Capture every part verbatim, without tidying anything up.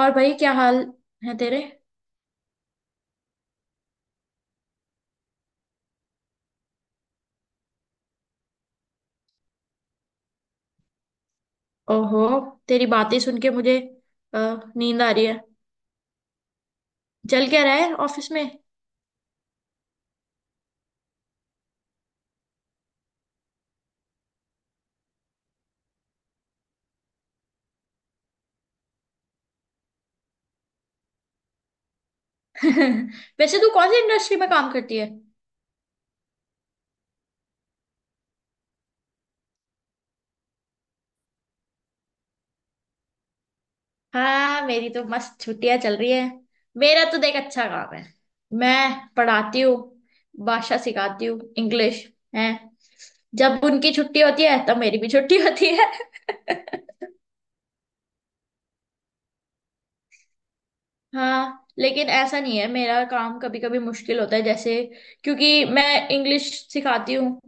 और भाई क्या हाल है तेरे? ओहो, तेरी बातें सुन के मुझे अ, नींद आ रही है। चल क्या रहा है ऑफिस में? वैसे तू कौन सी इंडस्ट्री में काम करती है? हाँ मेरी तो मस्त छुट्टियां चल रही है। मेरा तो देख अच्छा काम है। मैं पढ़ाती हूँ, भाषा सिखाती हूँ, इंग्लिश है। जब उनकी छुट्टी होती है तब मेरी भी छुट्टी होती है। हाँ लेकिन ऐसा नहीं है, मेरा काम कभी कभी मुश्किल होता है जैसे, क्योंकि मैं इंग्लिश सिखाती हूँ।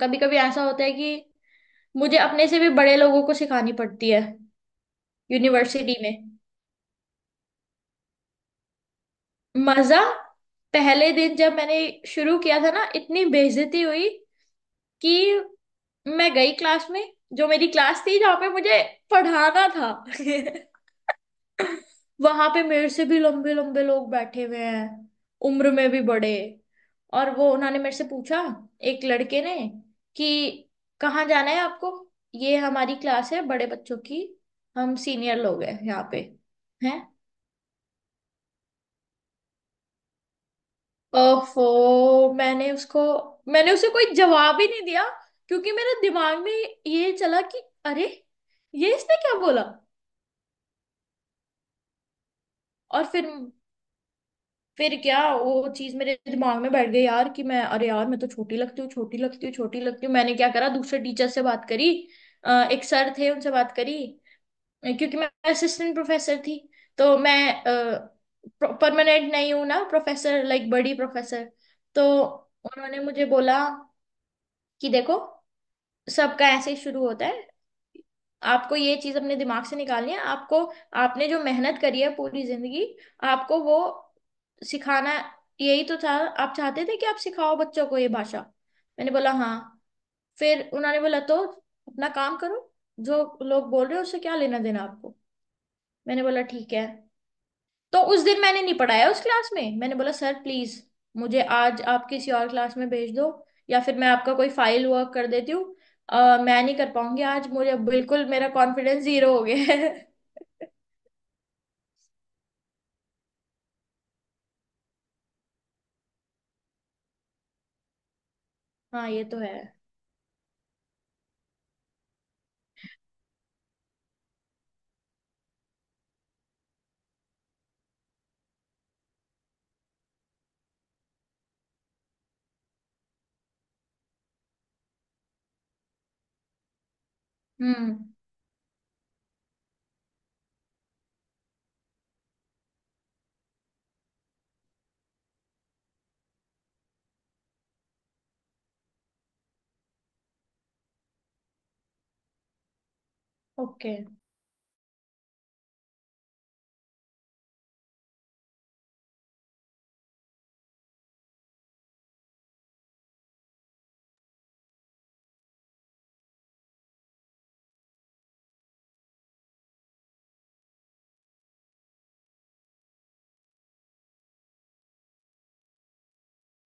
कभी कभी ऐसा होता है कि मुझे अपने से भी बड़े लोगों को सिखानी पड़ती है, यूनिवर्सिटी में। मजा। पहले दिन जब मैंने शुरू किया था ना, इतनी बेइज्जती हुई कि मैं गई क्लास में। जो मेरी क्लास थी, जहाँ पे मुझे पढ़ाना था, वहां पे मेरे से भी लंबे लंबे लोग बैठे हुए हैं, उम्र में भी बड़े। और वो उन्होंने मेरे से पूछा, एक लड़के ने, कि कहाँ जाना है आपको? ये हमारी क्लास है बड़े बच्चों की, हम सीनियर लोग हैं यहाँ पे, हैं। ओफो, मैंने उसको मैंने उसे कोई जवाब ही नहीं दिया, क्योंकि मेरे दिमाग में ये चला कि अरे, ये इसने क्या बोला। और फिर, फिर क्या वो चीज मेरे दिमाग में बैठ गई यार कि मैं, अरे यार मैं तो छोटी लगती हूँ, छोटी लगती हूँ, छोटी लगती हूँ। मैंने क्या करा, दूसरे टीचर से बात करी। अ, एक सर थे, उनसे बात करी, क्योंकि मैं असिस्टेंट प्रोफेसर थी, तो मैं परमानेंट नहीं हूँ ना, प्रोफेसर, लाइक बड़ी प्रोफेसर। तो उन्होंने मुझे बोला कि देखो, सबका ऐसे ही शुरू होता है। आपको ये चीज अपने दिमाग से निकालनी है। आपको, आपने जो मेहनत करी है पूरी जिंदगी, आपको वो सिखाना, यही तो था। आप चाहते थे कि आप सिखाओ बच्चों को ये भाषा। मैंने बोला हाँ। फिर उन्होंने बोला तो अपना काम करो, जो लोग बोल रहे हो उससे क्या लेना देना आपको। मैंने बोला ठीक है। तो उस दिन मैंने नहीं पढ़ाया उस क्लास में, मैंने बोला सर प्लीज मुझे आज आप किसी और क्लास में भेज दो, या फिर मैं आपका कोई फाइल वर्क कर देती हूँ। अ, मैं नहीं कर पाऊंगी आज, मुझे, बिल्कुल मेरा कॉन्फिडेंस जीरो हो गया है। हाँ ये तो है। हम्म। ओके।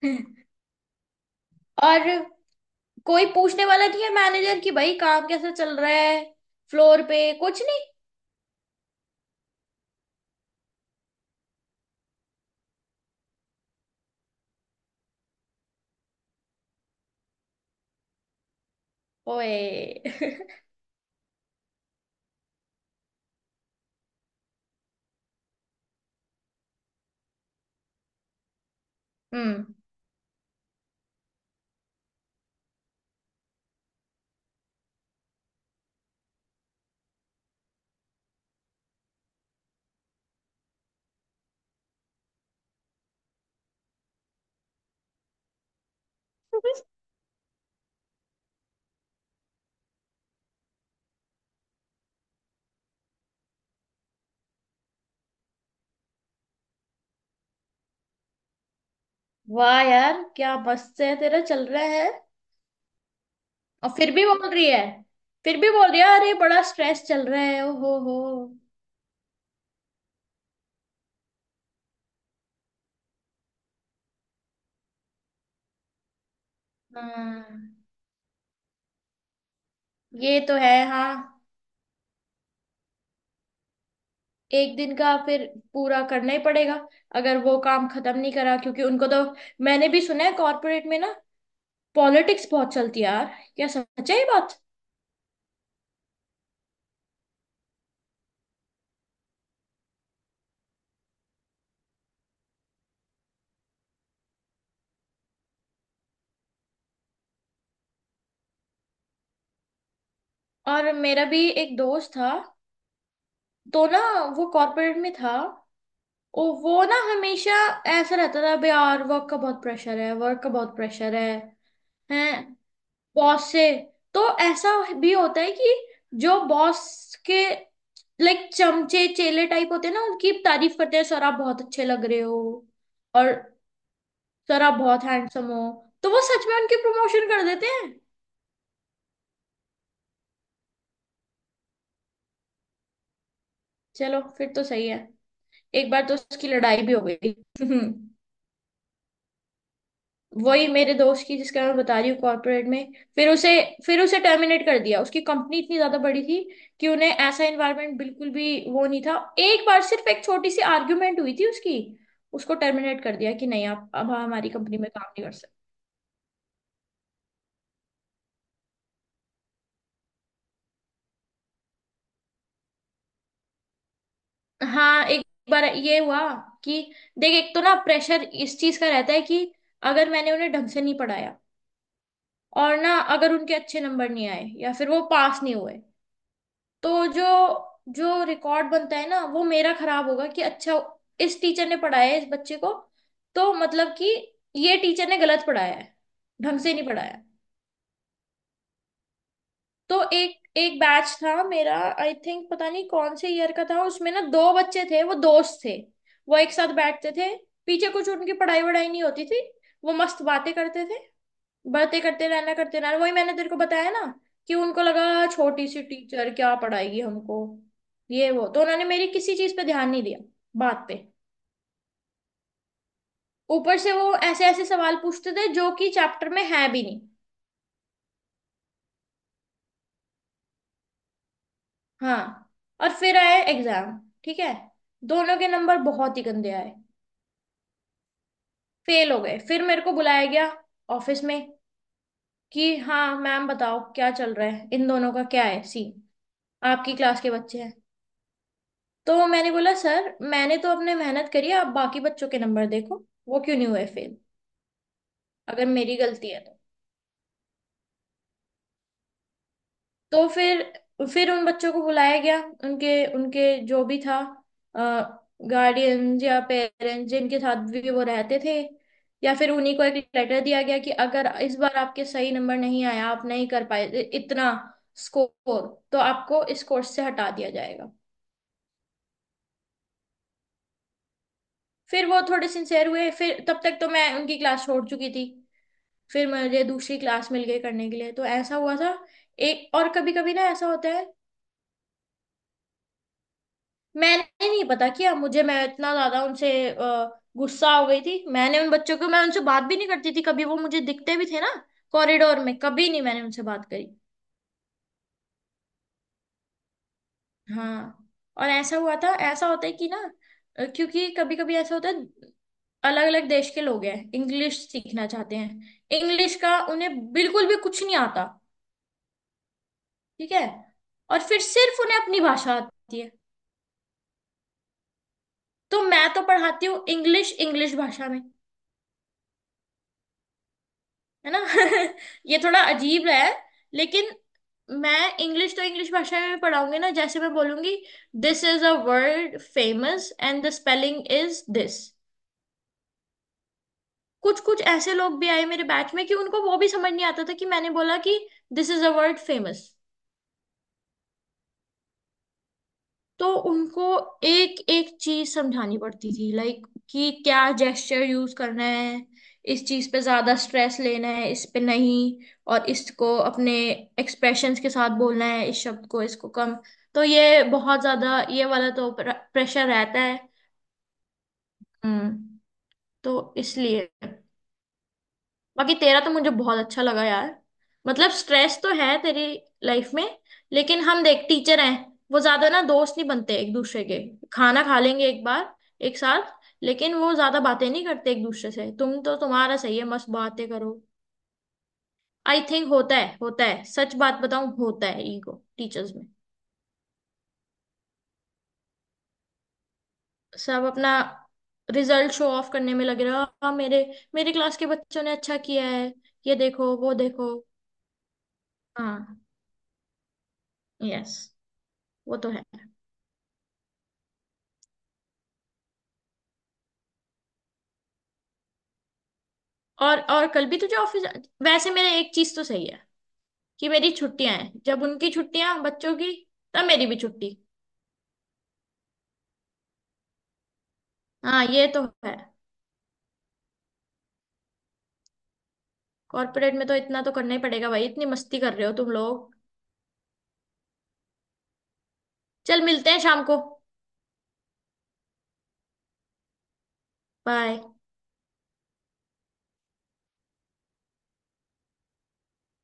और कोई पूछने वाला नहीं है मैनेजर की, भाई काम कैसा चल रहा है, फ्लोर पे, कुछ नहीं। ओए। हम्म। वाह यार क्या मस्त है तेरा चल रहा है। और फिर भी बोल रही है, फिर भी बोल रही है, अरे बड़ा स्ट्रेस चल रहा है, ओ हो हो। हाँ ये तो है। हाँ, एक दिन का फिर पूरा करना ही पड़ेगा, अगर वो काम खत्म नहीं करा, क्योंकि उनको तो। मैंने भी सुना है कॉर्पोरेट में ना, पॉलिटिक्स बहुत चलती है यार। क्या सच है ये बात? और मेरा भी एक दोस्त था। तो ना, वो कॉर्पोरेट में था और वो ना हमेशा ऐसा रहता था, अबे यार वर्क का बहुत प्रेशर है, वर्क का बहुत प्रेशर है, हैं, बॉस से। तो ऐसा भी होता है कि जो बॉस के लाइक चमचे चेले टाइप होते हैं ना, उनकी तारीफ करते हैं, सर आप बहुत अच्छे लग रहे हो, और सर आप बहुत हैंडसम हो, तो वो सच में उनकी प्रमोशन कर देते हैं। चलो फिर तो सही है। एक बार तो उसकी लड़ाई भी हो गई। वही मेरे दोस्त की जिसका मैं बता रही हूँ, कॉर्पोरेट में। फिर उसे, फिर उसे टर्मिनेट कर दिया, उसकी कंपनी इतनी ज्यादा बड़ी थी कि उन्हें ऐसा एनवायरनमेंट बिल्कुल भी वो नहीं था। एक बार सिर्फ एक छोटी सी आर्ग्यूमेंट हुई थी उसकी, उसको टर्मिनेट कर दिया कि नहीं आप अब हमारी कंपनी में काम नहीं कर सकते। हाँ एक बार ये हुआ कि देख, एक तो ना प्रेशर इस चीज का रहता है कि अगर मैंने उन्हें ढंग से नहीं पढ़ाया, और ना अगर उनके अच्छे नंबर नहीं आए या फिर वो पास नहीं हुए, तो जो जो रिकॉर्ड बनता है ना वो मेरा खराब होगा कि अच्छा, इस टीचर ने पढ़ाया है इस बच्चे को, तो मतलब कि ये टीचर ने गलत पढ़ाया है, ढंग से नहीं पढ़ाया। तो एक एक बैच था मेरा, आई थिंक पता नहीं कौन से ईयर का था, उसमें ना दो बच्चे थे वो दोस्त थे। वो एक साथ बैठते थे पीछे, कुछ उनकी पढ़ाई वढ़ाई नहीं होती थी, वो मस्त बातें करते थे, बातें करते रहना, करते रहना। वही मैंने तेरे को बताया ना कि उनको लगा, छोटी सी टीचर क्या पढ़ाएगी हमको, ये वो, तो उन्होंने मेरी किसी चीज पे ध्यान नहीं दिया, बात पे। ऊपर से वो ऐसे ऐसे सवाल पूछते थे जो कि चैप्टर में है भी नहीं। हाँ और फिर आए एग्जाम, ठीक है, दोनों के नंबर बहुत ही गंदे आए, फेल हो गए। फिर मेरे को बुलाया गया ऑफिस में कि हाँ मैम बताओ क्या चल रहा है इन दोनों का, क्या है सीन, आपकी क्लास के बच्चे हैं। तो मैंने बोला सर मैंने तो अपने मेहनत करी है, आप बाकी बच्चों के नंबर देखो, वो क्यों नहीं हुए फेल, अगर मेरी गलती है तो। तो फिर, फिर उन बच्चों को बुलाया गया, उनके उनके जो भी था, गार्डियंस या पेरेंट्स, जिनके साथ भी वो रहते थे, या फिर उन्हीं को एक लेटर दिया गया कि अगर इस बार आपके सही नंबर नहीं आया, आप नहीं कर पाए इ- इतना स्कोर, तो आपको इस कोर्स से हटा दिया जाएगा। फिर वो थोड़े सिंसेयर हुए, फिर तब तक तो मैं उनकी क्लास छोड़ चुकी थी। फिर मुझे दूसरी क्लास मिल गई करने के लिए, तो ऐसा हुआ था। एक और, कभी कभी ना ऐसा होता है। मैंने नहीं पता किया, मुझे, मैं इतना ज्यादा उनसे अ, गुस्सा हो गई थी, मैंने उन बच्चों को, मैं उनसे बात भी नहीं करती थी। कभी वो मुझे दिखते भी थे ना कॉरिडोर में, कभी नहीं मैंने उनसे बात करी। हाँ, और ऐसा हुआ था, ऐसा होता है कि ना, अ, क्योंकि कभी कभी ऐसा होता है, अलग अलग देश के लोग हैं, इंग्लिश सीखना चाहते हैं, इंग्लिश का उन्हें बिल्कुल भी कुछ नहीं आता, ठीक है, और फिर सिर्फ उन्हें अपनी भाषा आती है। तो मैं तो पढ़ाती हूँ इंग्लिश, इंग्लिश भाषा में, है ना। ये थोड़ा अजीब है, लेकिन मैं इंग्लिश तो इंग्लिश भाषा में पढ़ाऊंगी ना, जैसे मैं बोलूंगी, this is a word famous and the spelling is this. कुछ कुछ ऐसे लोग भी आए मेरे बैच में कि उनको वो भी समझ नहीं आता था कि मैंने बोला कि, this is a word famous. तो उनको एक एक चीज समझानी पड़ती थी, लाइक कि क्या जेस्चर यूज करना है, इस चीज पे ज्यादा स्ट्रेस लेना है इस पे नहीं, और इसको अपने एक्सप्रेशंस के साथ बोलना है, इस शब्द को, इसको कम। तो ये बहुत ज्यादा ये वाला तो प्रेशर रहता है। हम्म, तो इसलिए। बाकी तेरा तो मुझे बहुत अच्छा लगा यार, मतलब स्ट्रेस तो है तेरी लाइफ में, लेकिन हम देख टीचर हैं, वो ज्यादा ना दोस्त नहीं बनते एक दूसरे के। खाना खा लेंगे एक बार एक साथ, लेकिन वो ज्यादा बातें नहीं करते एक दूसरे से, तुम तो, तुम्हारा सही है, मस्त बातें करो। आई थिंक होता है, होता है, सच बात बताऊं होता है, ईगो टीचर्स में। सब अपना रिजल्ट शो ऑफ करने में लग रहा, "आ, मेरे, मेरे क्लास के बच्चों ने अच्छा किया है, ये देखो, वो देखो। हाँ यस, वो तो है। और और कल भी तुझे ऑफिस, वैसे मेरा एक चीज तो सही है कि मेरी छुट्टियां हैं, जब उनकी छुट्टियां, बच्चों की, तब मेरी भी छुट्टी। हाँ ये तो है, कॉर्पोरेट में तो इतना तो करना ही पड़ेगा भाई, इतनी मस्ती कर रहे हो तुम लोग। चल मिलते हैं शाम को, बाय।